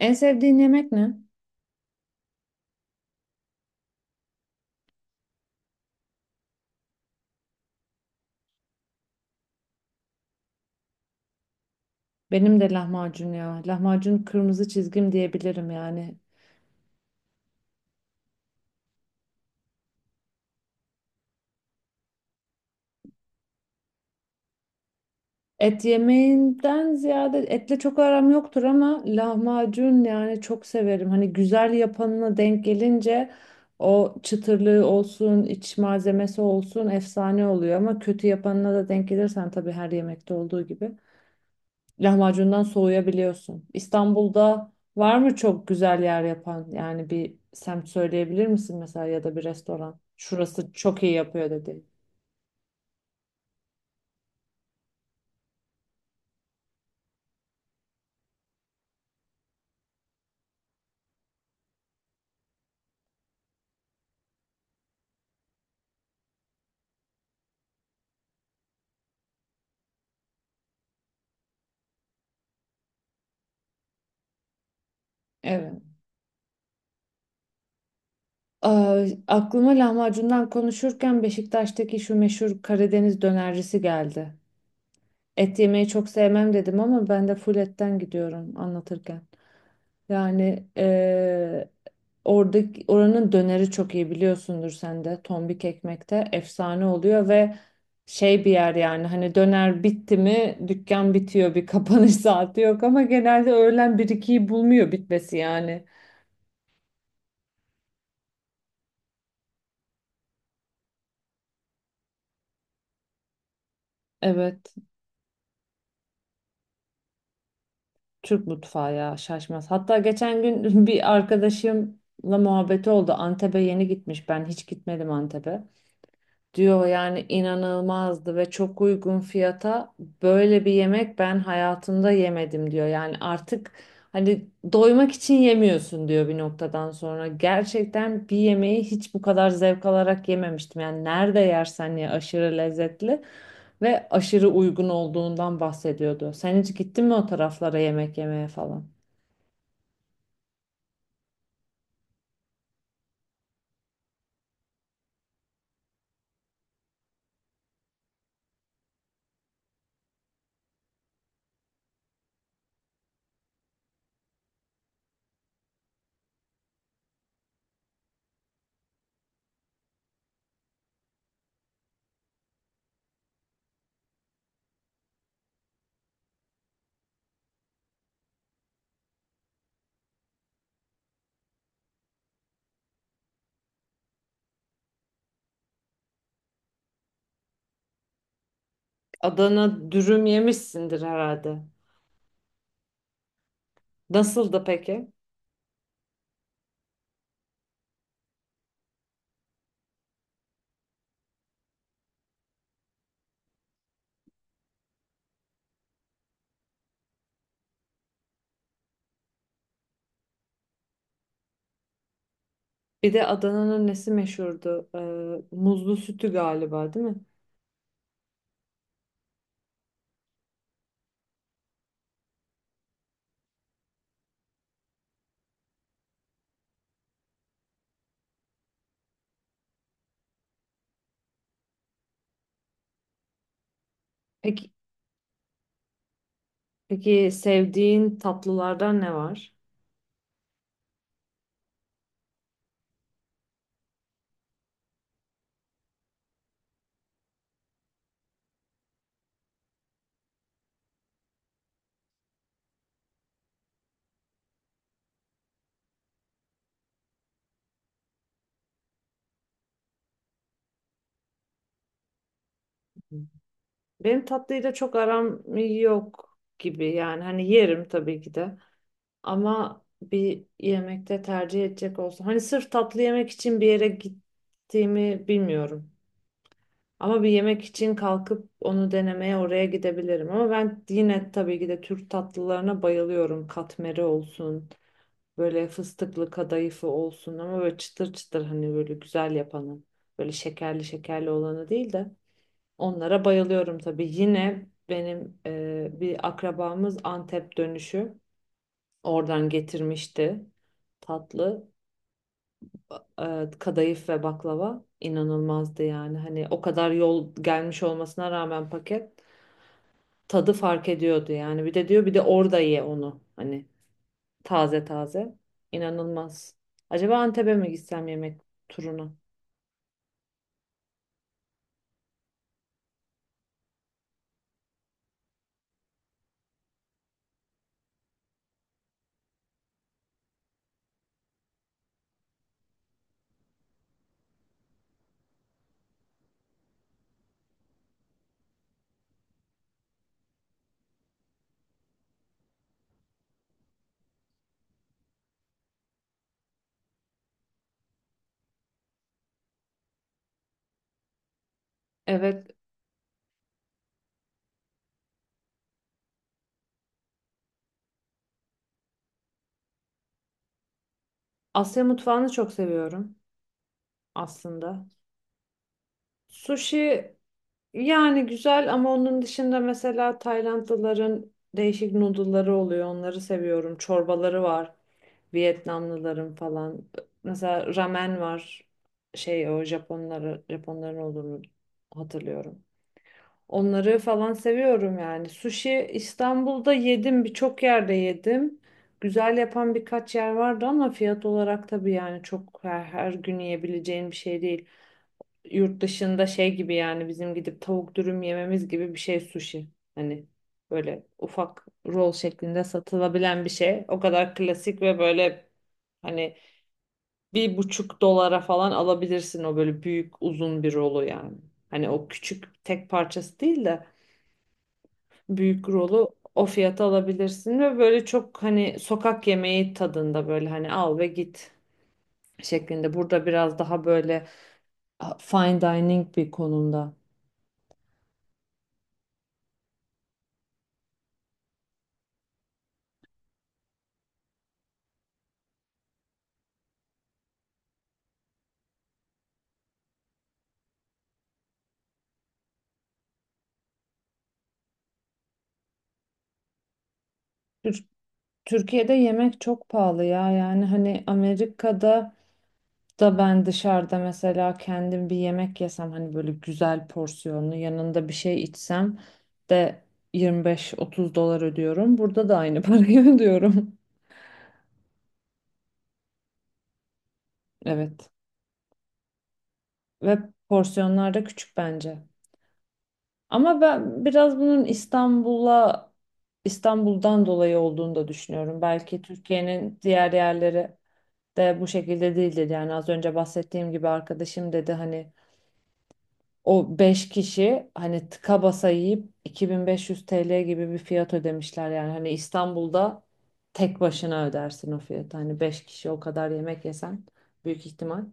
En sevdiğin yemek ne? Benim de lahmacun ya. Lahmacun kırmızı çizgim diyebilirim yani. Et yemeğinden ziyade etle çok aram yoktur ama lahmacun yani çok severim. Hani güzel yapanına denk gelince o çıtırlığı olsun, iç malzemesi olsun efsane oluyor ama kötü yapanına da denk gelirsen tabii her yemekte olduğu gibi lahmacundan soğuyabiliyorsun. İstanbul'da var mı çok güzel yer yapan? Yani bir semt söyleyebilir misin mesela ya da bir restoran? Şurası çok iyi yapıyor dedi. Evet. Aa, aklıma lahmacundan konuşurken Beşiktaş'taki şu meşhur Karadeniz dönercisi geldi. Et yemeyi çok sevmem dedim ama ben de full etten gidiyorum anlatırken. Yani oranın döneri çok iyi biliyorsundur sen de. Tombik ekmekte efsane oluyor ve şey bir yer yani hani döner bitti mi dükkan bitiyor bir kapanış saati yok ama genelde öğlen bir ikiyi bulmuyor bitmesi yani. Evet, Türk mutfağı ya şaşmaz. Hatta geçen gün bir arkadaşımla muhabbeti oldu. Antep'e yeni gitmiş. Ben hiç gitmedim Antep'e. Diyor yani inanılmazdı ve çok uygun fiyata böyle bir yemek ben hayatımda yemedim diyor. Yani artık hani doymak için yemiyorsun diyor bir noktadan sonra. Gerçekten bir yemeği hiç bu kadar zevk alarak yememiştim. Yani nerede yersen ye aşırı lezzetli ve aşırı uygun olduğundan bahsediyordu. Sen hiç gittin mi o taraflara yemek yemeye falan? Adana dürüm yemişsindir herhalde. Nasıldı peki? Bir de Adana'nın nesi meşhurdu? Muzlu sütü galiba, değil mi? Peki, peki sevdiğin tatlılardan ne var? Benim tatlıyla çok aram yok gibi. Yani hani yerim tabii ki de. Ama bir yemekte tercih edecek olsam. Hani sırf tatlı yemek için bir yere gittiğimi bilmiyorum. Ama bir yemek için kalkıp onu denemeye oraya gidebilirim. Ama ben yine tabii ki de Türk tatlılarına bayılıyorum. Katmeri olsun. Böyle fıstıklı kadayıfı olsun ama böyle çıtır çıtır hani böyle güzel yapanı. Böyle şekerli şekerli olanı değil de. Onlara bayılıyorum tabii. Yine benim bir akrabamız Antep dönüşü. Oradan getirmişti tatlı. Kadayıf ve baklava inanılmazdı yani. Hani o kadar yol gelmiş olmasına rağmen paket tadı fark ediyordu yani. Bir de diyor bir de orada ye onu. Hani taze taze. İnanılmaz. Acaba Antep'e mi gitsem yemek turuna? Evet. Asya mutfağını çok seviyorum aslında. Sushi yani güzel ama onun dışında mesela Taylandlıların değişik noodle'ları oluyor. Onları seviyorum. Çorbaları var. Vietnamlıların falan. Mesela ramen var. Şey o Japonların olduğunu hatırlıyorum. Onları falan seviyorum yani. Sushi İstanbul'da yedim, birçok yerde yedim. Güzel yapan birkaç yer vardı ama fiyat olarak tabii yani çok her gün yiyebileceğin bir şey değil. Yurt dışında şey gibi yani bizim gidip tavuk dürüm yememiz gibi bir şey sushi. Hani böyle ufak roll şeklinde satılabilen bir şey. O kadar klasik ve böyle hani bir buçuk dolara falan alabilirsin o böyle büyük uzun bir rolu yani. Hani o küçük tek parçası değil de büyük rolü o fiyata alabilirsin ve böyle çok hani sokak yemeği tadında böyle hani al ve git şeklinde. Burada biraz daha böyle fine dining bir konumda. Tür- Türkiye'de yemek çok pahalı ya yani hani Amerika'da da ben dışarıda mesela kendim bir yemek yesem hani böyle güzel porsiyonlu yanında bir şey içsem de 25-30 dolar ödüyorum. Burada da aynı parayı ödüyorum. Evet. Ve porsiyonlar da küçük bence. Ama ben biraz bunun İstanbul'dan dolayı olduğunu da düşünüyorum. Belki Türkiye'nin diğer yerleri de bu şekilde değildir. Yani az önce bahsettiğim gibi arkadaşım dedi hani o 5 kişi hani tıka basa yiyip 2500 TL gibi bir fiyat ödemişler. Yani hani İstanbul'da tek başına ödersin o fiyatı. Hani 5 kişi o kadar yemek yesen büyük ihtimal.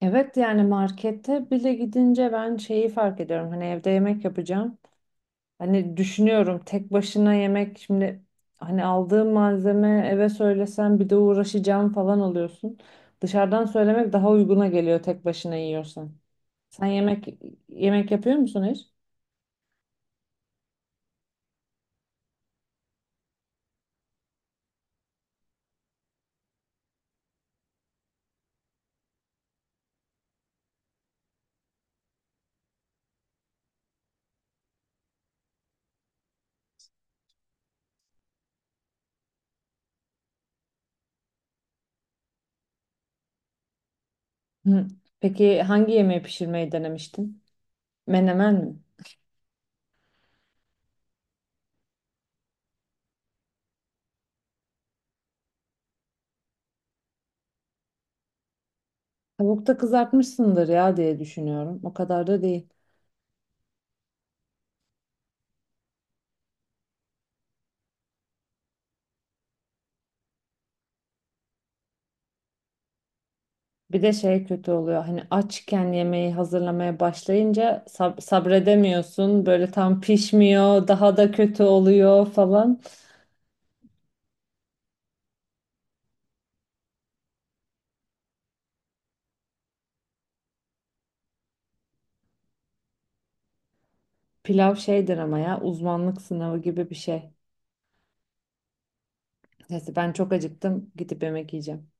Evet yani markete bile gidince ben şeyi fark ediyorum. Hani evde yemek yapacağım. Hani düşünüyorum tek başına yemek şimdi hani aldığım malzeme eve söylesen bir de uğraşacağım falan oluyorsun. Dışarıdan söylemek daha uyguna geliyor tek başına yiyorsan. Sen yemek yapıyor musun hiç? Hı. Peki hangi yemeği pişirmeyi denemiştin? Menemen mi? Tavukta kızartmışsındır ya diye düşünüyorum. O kadar da değil. Bir de şey kötü oluyor. Hani açken yemeği hazırlamaya başlayınca sabredemiyorsun. Böyle tam pişmiyor, daha da kötü oluyor falan. Pilav şeydir ama ya uzmanlık sınavı gibi bir şey. Neyse ben çok acıktım gidip yemek yiyeceğim.